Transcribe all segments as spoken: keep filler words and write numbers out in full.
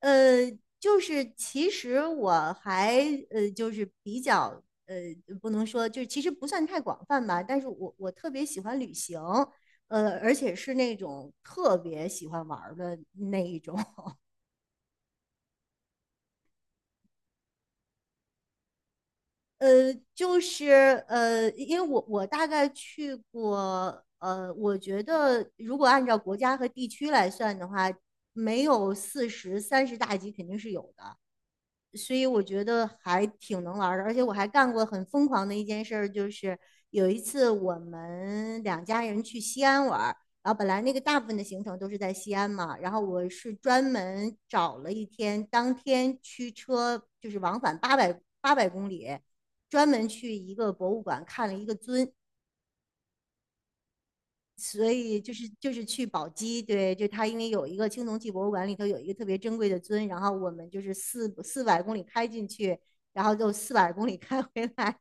呃，就是其实我还呃，就是比较呃，不能说，就是其实不算太广泛吧，但是我我特别喜欢旅行，呃，而且是那种特别喜欢玩儿的那一种。呃，就是呃，因为我我大概去过，呃，我觉得如果按照国家和地区来算的话，没有四十、三十大几肯定是有的，所以我觉得还挺能玩儿的。而且我还干过很疯狂的一件事儿，就是有一次我们两家人去西安玩儿，然后本来那个大部分的行程都是在西安嘛，然后我是专门找了一天，当天驱车就是往返八百八百公里。专门去一个博物馆看了一个尊，所以就是就是去宝鸡。对，就他因为有一个青铜器博物馆里头有一个特别珍贵的尊，然后我们就是四四百公里开进去，然后就四百公里开回来。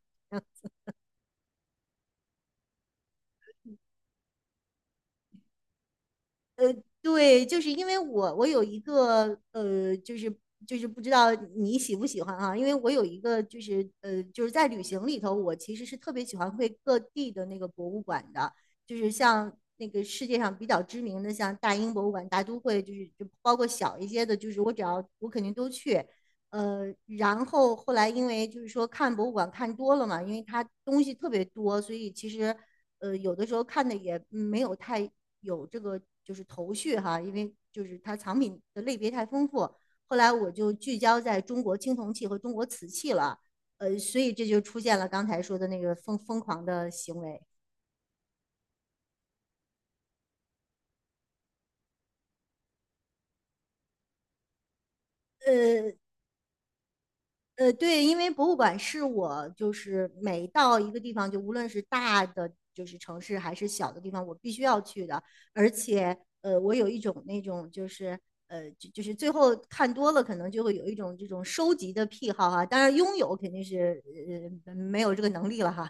呃，对，就是因为我我有一个呃，就是就是不知道你喜不喜欢啊，因为我有一个就是呃，就是在旅行里头，我其实是特别喜欢会各地的那个博物馆的，就是像那个世界上比较知名的，像大英博物馆、大都会，就是就包括小一些的，就是我只要我肯定都去。呃，然后后来因为就是说看博物馆看多了嘛，因为它东西特别多，所以其实呃，有的时候看的也嗯没有太有这个就是头绪哈，因为就是它藏品的类别太丰富。后来我就聚焦在中国青铜器和中国瓷器了，呃，所以这就出现了刚才说的那个疯疯狂的行为。呃，呃，对，因为博物馆是我就是每到一个地方，就无论是大的就是城市还是小的地方，我必须要去的。而且，呃，我有一种那种就是呃，就就是最后看多了，可能就会有一种这种收集的癖好哈。当然，拥有肯定是呃呃没有这个能力了哈。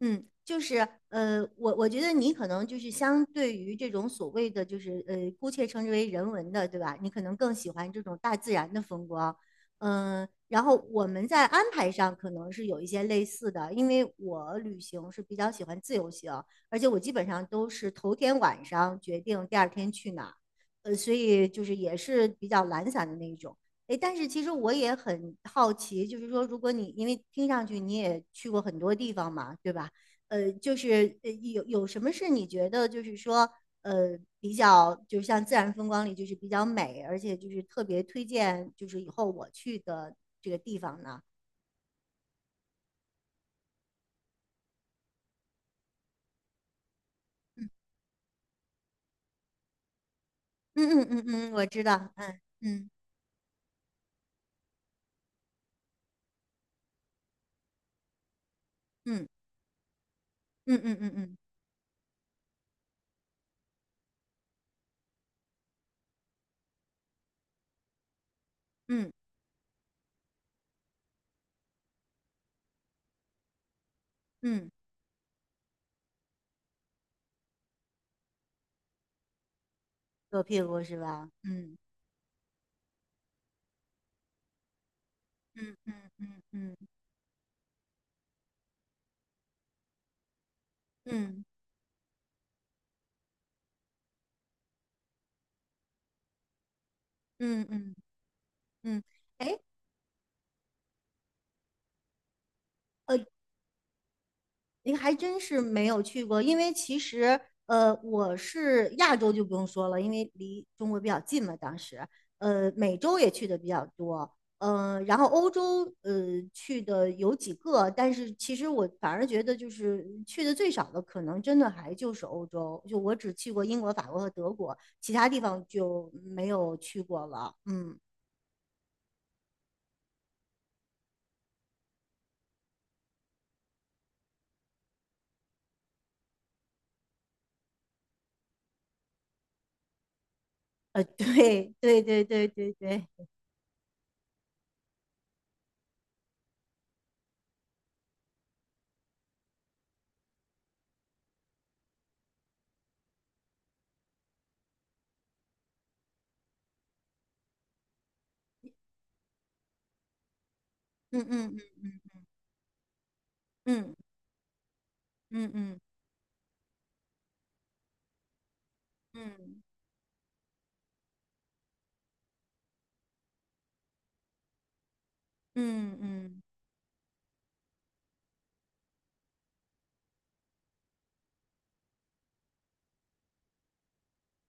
嗯，就是呃，我我觉得你可能就是相对于这种所谓的就是呃，姑且称之为人文的，对吧？你可能更喜欢这种大自然的风光。嗯、然后我们在安排上可能是有一些类似的，因为我旅行是比较喜欢自由行，而且我基本上都是头天晚上决定第二天去哪儿，呃，所以就是也是比较懒散的那一种。诶，但是其实我也很好奇，就是说，如果你因为听上去你也去过很多地方嘛，对吧？呃，就是呃有有什么是你觉得就是说呃比较，就像自然风光里就是比较美，而且就是特别推荐，就是以后我去的这个地方呢？嗯嗯嗯嗯，我知道。嗯嗯嗯嗯嗯嗯嗯嗯嗯，左屁股是吧？嗯嗯嗯嗯嗯嗯嗯嗯嗯，嗯哎。呃您还真是没有去过，因为其实呃，我是亚洲就不用说了，因为离中国比较近嘛，当时呃，美洲也去的比较多，呃，然后欧洲呃去的有几个，但是其实我反而觉得就是去的最少的，可能真的还就是欧洲，就我只去过英国、法国和德国，其他地方就没有去过了。嗯，呃，对对对对对对，嗯嗯嗯嗯嗯嗯嗯嗯嗯。嗯嗯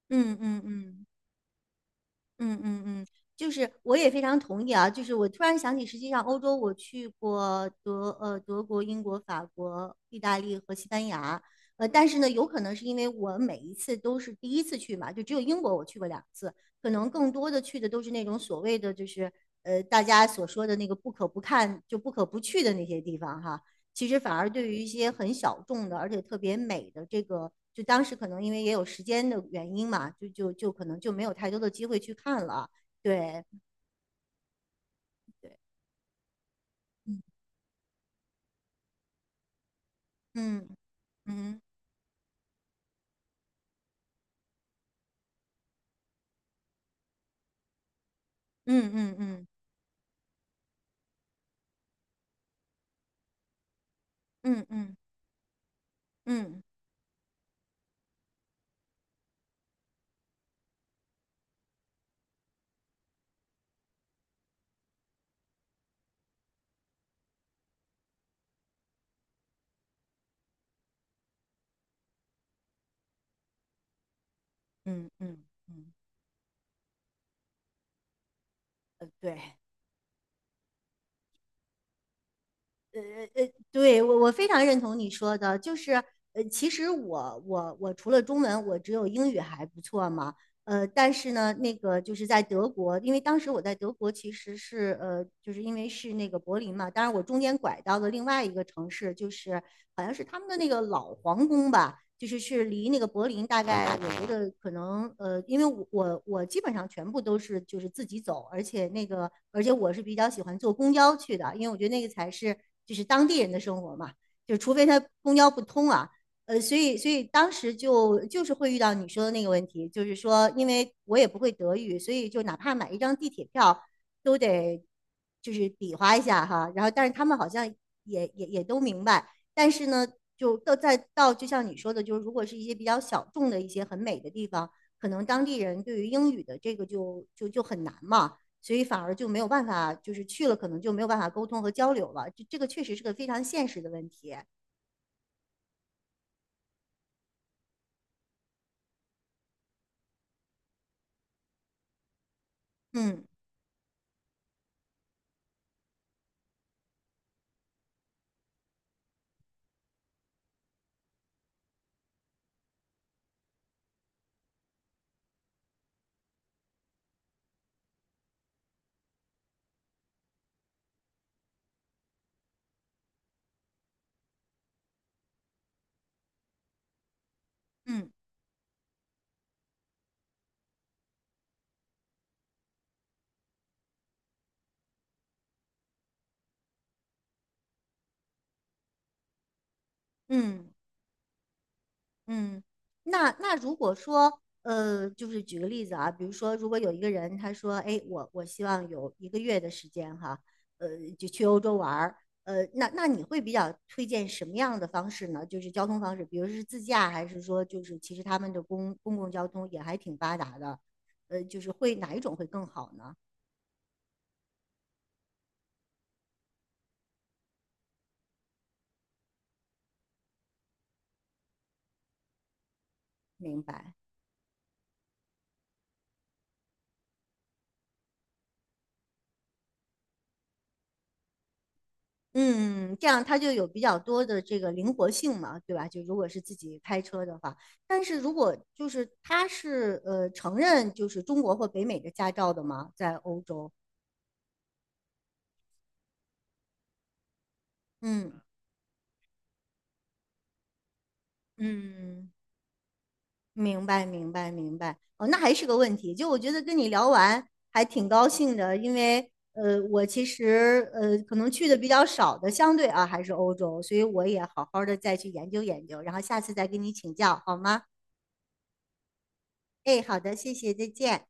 嗯嗯嗯嗯嗯嗯，就是我也非常同意啊。就是我突然想起，实际上欧洲我去过德呃德国、英国、法国、意大利和西班牙。呃，但是呢，有可能是因为我每一次都是第一次去嘛，就只有英国我去过两次，可能更多的去的都是那种所谓的就是呃大家所说的那个不可不看就不可不去的那些地方哈。其实反而对于一些很小众的，而且特别美的这个，就当时可能因为也有时间的原因嘛，就就就可能就没有太多的机会去看了。对对，嗯嗯嗯嗯嗯嗯嗯嗯嗯嗯嗯嗯，对。对，我我非常认同你说的，就是呃，其实我我我除了中文，我只有英语还不错嘛。呃，但是呢，那个就是在德国，因为当时我在德国其实是呃，就是因为是那个柏林嘛，当然我中间拐到了另外一个城市，就是好像是他们的那个老皇宫吧。就是是离那个柏林大概，我觉得可能呃，因为我我我基本上全部都是就是自己走，而且那个而且我是比较喜欢坐公交去的，因为我觉得那个才是就是当地人的生活嘛，就除非他公交不通啊。呃，所以所以当时就就是会遇到你说的那个问题，就是说因为我也不会德语，所以就哪怕买一张地铁票都得就是比划一下哈，然后但是他们好像也也也都明白。但是呢，就到再到就像你说的，就是如果是一些比较小众的一些很美的地方，可能当地人对于英语的这个就就就很难嘛，所以反而就没有办法，就是去了可能就没有办法沟通和交流了。这这个确实是个非常现实的问题。嗯嗯嗯。嗯，那那如果说，呃，就是举个例子啊，比如说，如果有一个人他说，哎，我我希望有一个月的时间哈，呃，就去欧洲玩儿，呃，那那你会比较推荐什么样的方式呢？就是交通方式，比如是自驾，还是说就是其实他们的公公共交通也还挺发达的，呃，就是会哪一种会更好呢？明白。嗯，这样它就有比较多的这个灵活性嘛，对吧？就如果是自己开车的话，但是如果就是它是呃承认就是中国或北美的驾照的嘛，在欧洲，嗯嗯，明白明白明白。哦，那还是个问题。就我觉得跟你聊完还挺高兴的，因为呃我其实呃可能去的比较少的，相对啊还是欧洲，所以我也好好的再去研究研究，然后下次再跟你请教好吗？哎，好的，谢谢，再见。